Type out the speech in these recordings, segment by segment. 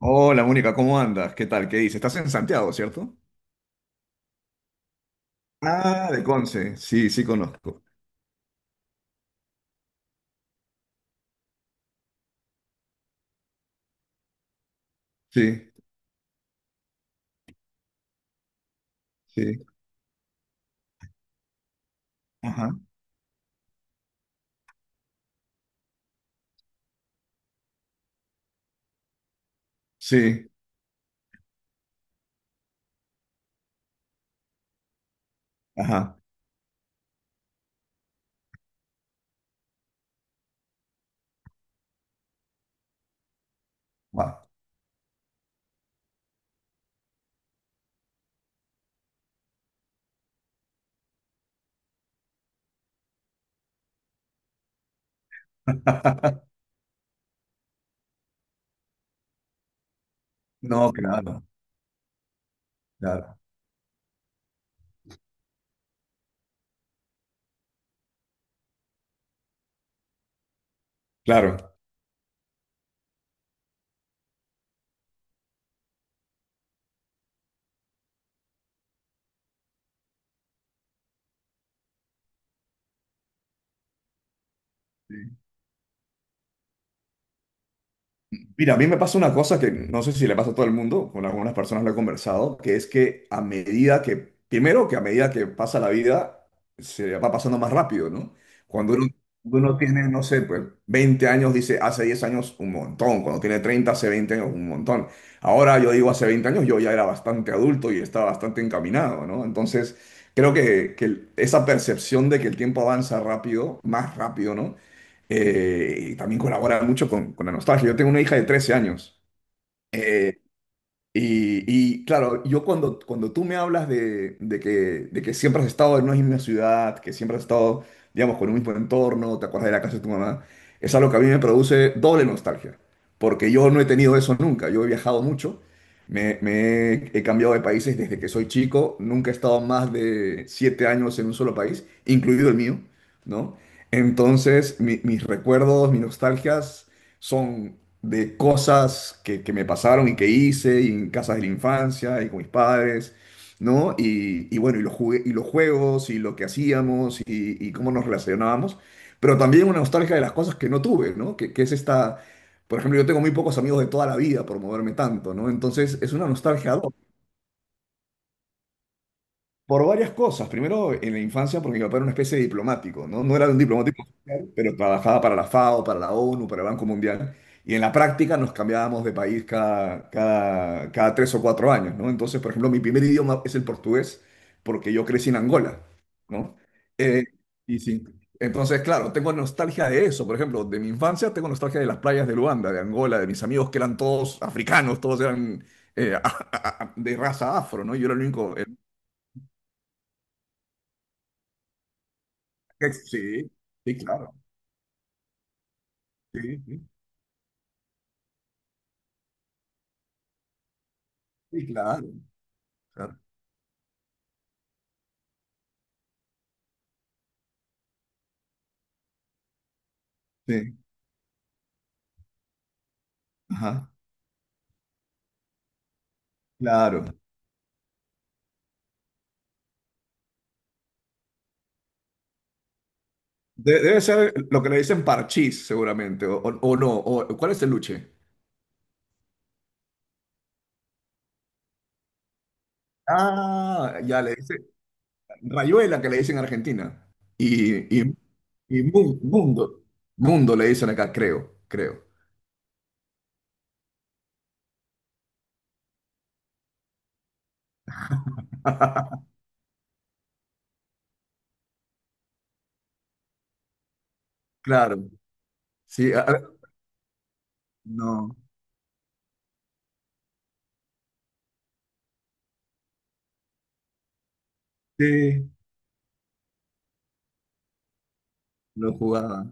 Hola Mónica, ¿cómo andas? ¿Qué tal? ¿Qué dices? Estás en Santiago, ¿cierto? Ah, de Conce. Sí, sí conozco. Sí, sí. Ajá. Sí, ajá. Guau. No, claro, claro. Claro. Mira, a mí me pasa una cosa que no sé si le pasa a todo el mundo, con algunas personas lo he conversado, que es que a medida que, primero que a medida que pasa la vida, se va pasando más rápido, ¿no? Cuando uno, cuando uno tiene, no sé, pues 20 años, dice, hace 10 años un montón, cuando tiene 30 hace 20 años un montón. Ahora yo digo, hace 20 años yo ya era bastante adulto y estaba bastante encaminado, ¿no? Entonces, que esa percepción de que el tiempo avanza más rápido, ¿no? Y también colabora mucho con la nostalgia. Yo tengo una hija de 13 años. Eh, y, claro, yo cuando tú me hablas de que siempre has estado en una misma ciudad, que siempre has estado, digamos, con un mismo entorno, te acuerdas de la casa de tu mamá, es algo que a mí me produce doble nostalgia, porque yo no he tenido eso nunca, yo he viajado mucho, he cambiado de países desde que soy chico, nunca he estado más de siete años en un solo país, incluido el mío, ¿no? Entonces, mis recuerdos, mis nostalgias son de cosas que me pasaron y que hice y en casas de la infancia y con mis padres, ¿no? Y bueno, y los juegos y lo que hacíamos y cómo nos relacionábamos, pero también una nostalgia de las cosas que no tuve, ¿no? Que es esta, por ejemplo, yo tengo muy pocos amigos de toda la vida por moverme tanto, ¿no? Entonces es una nostalgia por varias cosas. Primero, en la infancia, porque mi papá era una especie de diplomático, ¿no? No era un diplomático oficial, pero trabajaba para la FAO, para la ONU, para el Banco Mundial. Y en la práctica nos cambiábamos de país cada tres o cuatro años, ¿no? Entonces, por ejemplo, mi primer idioma es el portugués, porque yo crecí en Angola, ¿no? Eh, y sí. Entonces, claro, tengo nostalgia de eso. Por ejemplo, de mi infancia tengo nostalgia de las playas de Luanda, de Angola, de mis amigos que eran todos africanos, todos eran eh, de raza afro, ¿no? Yo era el único. Sí, sí, claro. Sí, sí, sí, claro, claro. Sí, ajá, claro. Debe ser lo que le dicen parchís, seguramente, o no. O, ¿cuál es el luche? Ah, ya le dicen rayuela que le dicen en Argentina. Y, y, mundo, mundo le dicen acá, creo, creo. Claro, sí, no, sí, lo jugaba,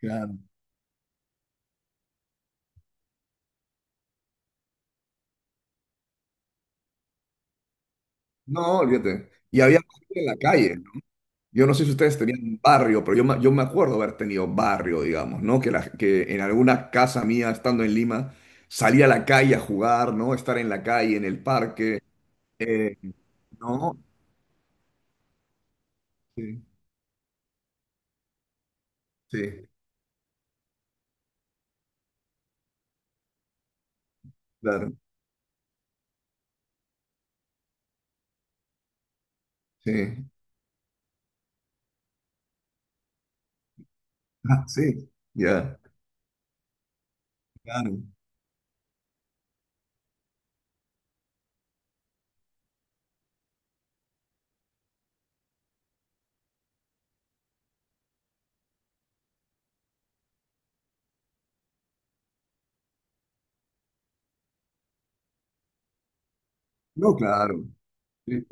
claro. No, olvídate. Y había gente en la calle. Yo no sé si ustedes tenían barrio, pero yo me acuerdo haber tenido barrio, digamos, ¿no? Que en alguna casa mía, estando en Lima, salía a la calle a jugar, ¿no? Estar en la calle, en el parque, eh, ¿no? Sí, sí, claro, sí. Ah, sí, ya, claro. No, claro. Sí,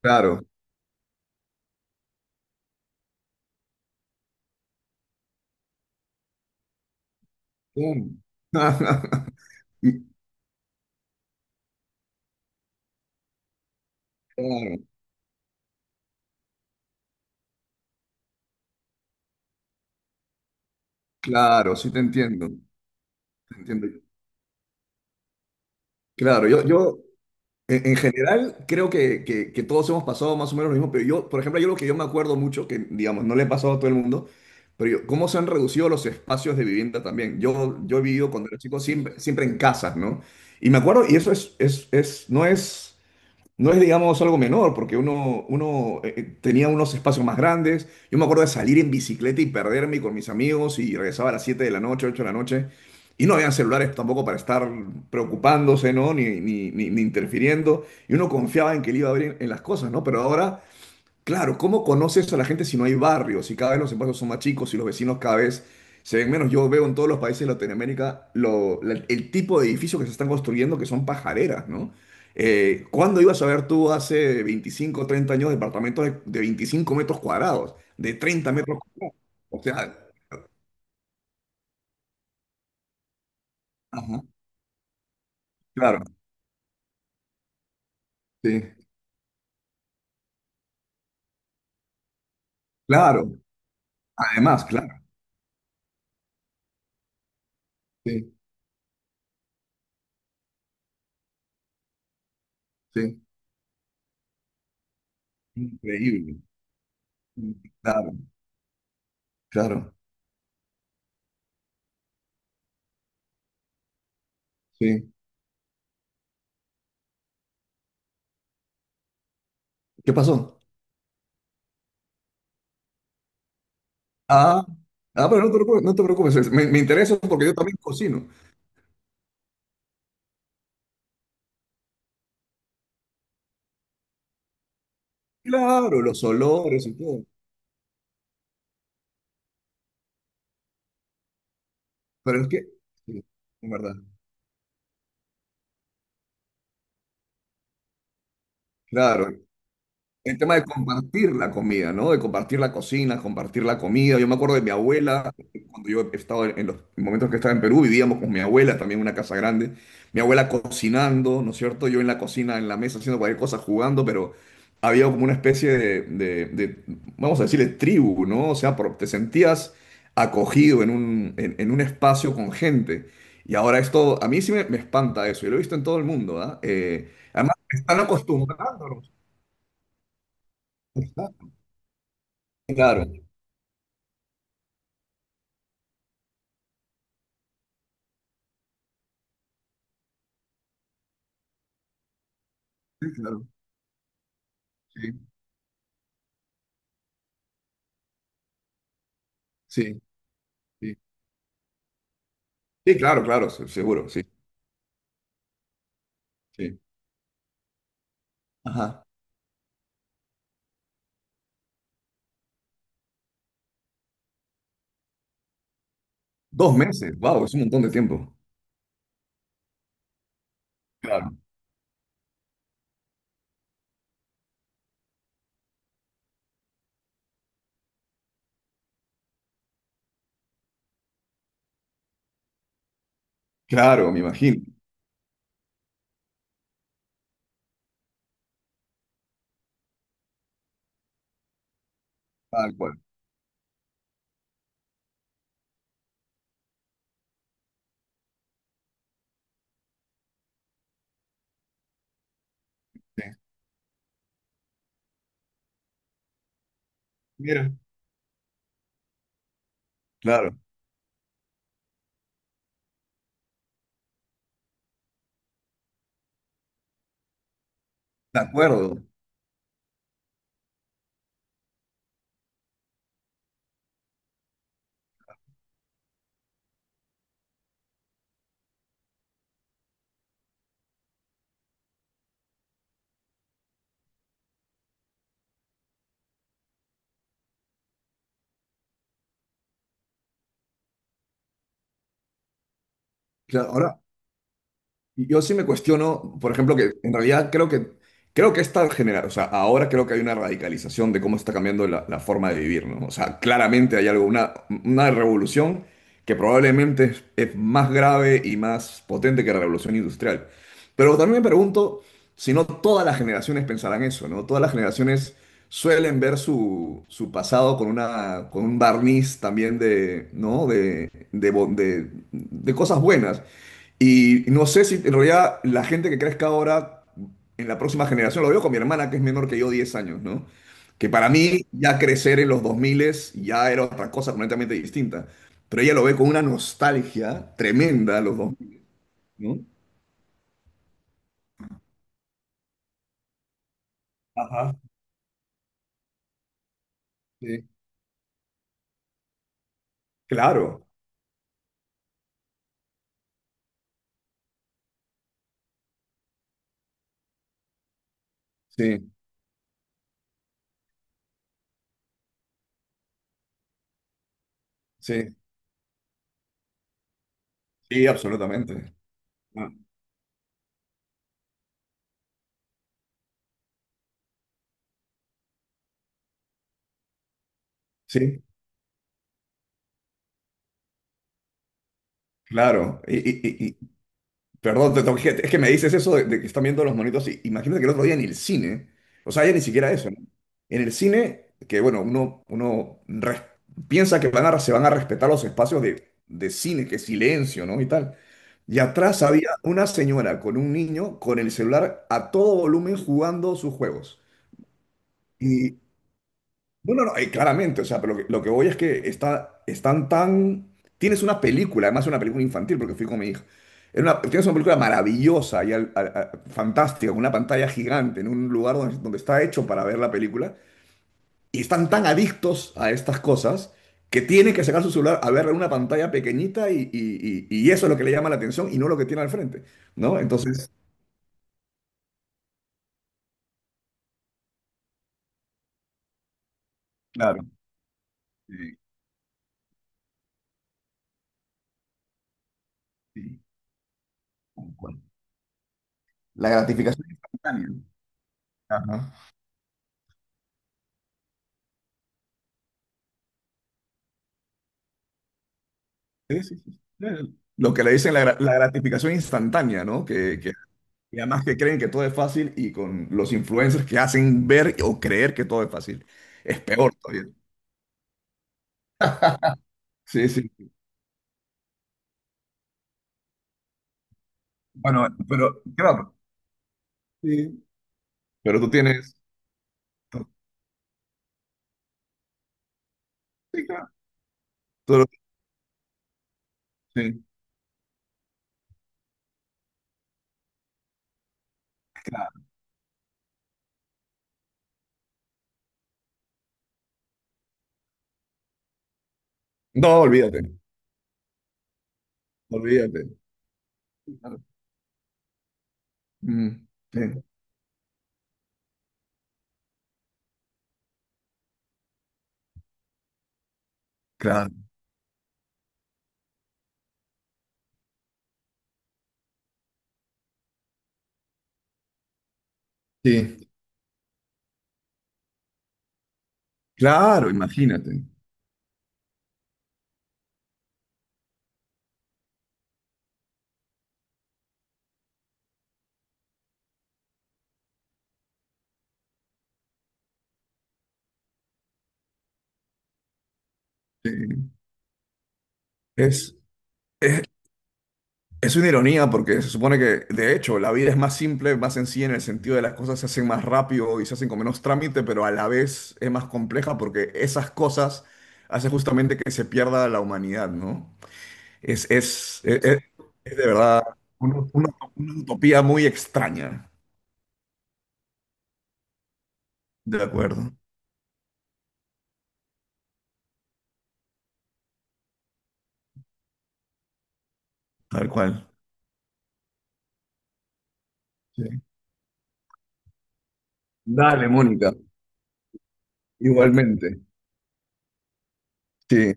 claro, claro. Y- claro, claro, sí te entiendo, te entiendo. Claro, yo, en general, creo que todos hemos pasado más o menos lo mismo, pero yo, por ejemplo, yo lo que yo me acuerdo mucho, que digamos, no le he pasado a todo el mundo, cómo se han reducido los espacios de vivienda también. Yo he vivido cuando era chico siempre, siempre en casas, ¿no? Y me acuerdo, y es, no es. No es, digamos, algo menor, porque uno tenía unos espacios más grandes. Yo me acuerdo de salir en bicicleta y perderme con mis amigos y regresaba a las 7 de la noche, 8 de la noche. Y no habían celulares tampoco para estar preocupándose, ¿no? Ni interfiriendo. Y uno confiaba en que le iba a abrir en las cosas, ¿no? Pero ahora, claro, ¿cómo conoces a la gente si no hay barrios? Si cada vez los espacios son más chicos y los vecinos cada vez se ven menos. Yo veo en todos los países de Latinoamérica el tipo de edificios que se están construyendo, que son pajareras, ¿no? ¿Cuándo ibas a ver tú hace 25, o 30 años departamentos de 25 metros cuadrados, de treinta metros cuadrados? O sea, ajá, claro, sí, claro. Además, claro, sí, sí. Increíble. Claro, claro, sí. ¿Qué pasó? Ah, ah, pero no te preocupes, no te preocupes, me interesa porque yo también cocino. Claro, los olores y todo, pero es que, sí, en verdad, claro. El tema de compartir la comida, ¿no? De compartir la cocina, compartir la comida. Yo me acuerdo de mi abuela, cuando yo he estado en los momentos que estaba en Perú, vivíamos con mi abuela, también en una casa grande. Mi abuela cocinando, ¿no es cierto? Yo en la cocina, en la mesa, haciendo cualquier cosa, jugando, pero había como una especie de, vamos a decirle, tribu, ¿no? O sea, te sentías acogido en un, en un espacio con gente. Y ahora esto, a mí sí me espanta eso. Yo lo he visto en todo el mundo, ¿ah? Además, están acostumbrándonos. Claro. Sí, claro. Sí, sí, sí. Sí, claro, claro, seguro, sí, sí. Ajá. Dos meses, wow, es un montón de tiempo. Claro, claro, me imagino. Tal cual. Sí. Mira. Claro, de acuerdo. Claro, ahora, y yo sí me cuestiono, por ejemplo, que en realidad creo que está generando, o sea, ahora creo que hay una radicalización de cómo está cambiando la forma de vivir, ¿no? O sea, claramente hay algo, una revolución que probablemente es más grave y más potente que la revolución industrial. Pero también me pregunto si no todas las generaciones pensarán eso, ¿no? Todas las generaciones suelen ver su pasado con una, con un barniz también de, ¿no? De de cosas buenas. Y no sé si en realidad la gente que crezca ahora en la próxima generación, lo veo con mi hermana que es menor que yo 10 años, ¿no? Que para mí ya crecer en los 2000 ya era otra cosa completamente distinta. Pero ella lo ve con una nostalgia tremenda los 2000, ¿no? Ajá, sí. Claro, sí, sí, sí, absolutamente. Ah, sí, claro. Y, perdón, te toqué. Es que me dices eso de que están viendo los monitos. Y imagínate que el otro día en el cine, o sea, ya ni siquiera eso, ¿no? En el cine, que bueno, piensa que van a, se van a respetar los espacios de cine, que silencio, ¿no? Y tal. Y atrás había una señora con un niño con el celular a todo volumen jugando sus juegos. No, no, no, claramente, o sea, pero lo que voy es que está, están tan... Tienes una película, además una película infantil, porque fui con mi hija. Tienes una película maravillosa y fantástica, con una pantalla gigante, en un lugar donde está hecho para ver la película, y están tan adictos a estas cosas que tienen que sacar su celular a verla en una pantalla pequeñita y eso es lo que le llama la atención y no lo que tiene al frente, ¿no? Entonces, claro, sí, sí, tal cual. La gratificación instantánea, ¿no? Ajá. Sí, sí, sí. Lo que le dicen la gratificación instantánea, ¿no? Y además que creen que todo es fácil y con los influencers que hacen ver o creer que todo es fácil. Es peor todavía. Sí, sí. Bueno, pero claro. Sí. Pero tú tienes. tú- sí, claro. Tú lo- sí, claro. No, olvídate. Olvídate. Claro. Mm, sí, claro. Sí. Claro, imagínate. Sí. Es, es, Es una ironía porque se supone que, de hecho, la vida es más simple, más sencilla en el sentido de las cosas se hacen más rápido y se hacen con menos trámite, pero a la vez es más compleja porque esas cosas hacen justamente que se pierda la humanidad, ¿no? Es, es, es, es- es de verdad una, una- una utopía muy extraña. De acuerdo, tal cual. Sí. Dale, Mónica, igualmente. Sí,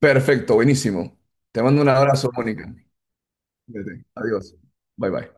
perfecto, buenísimo. Te mando un abrazo, Mónica. Cuídate. Adiós. Bye bye.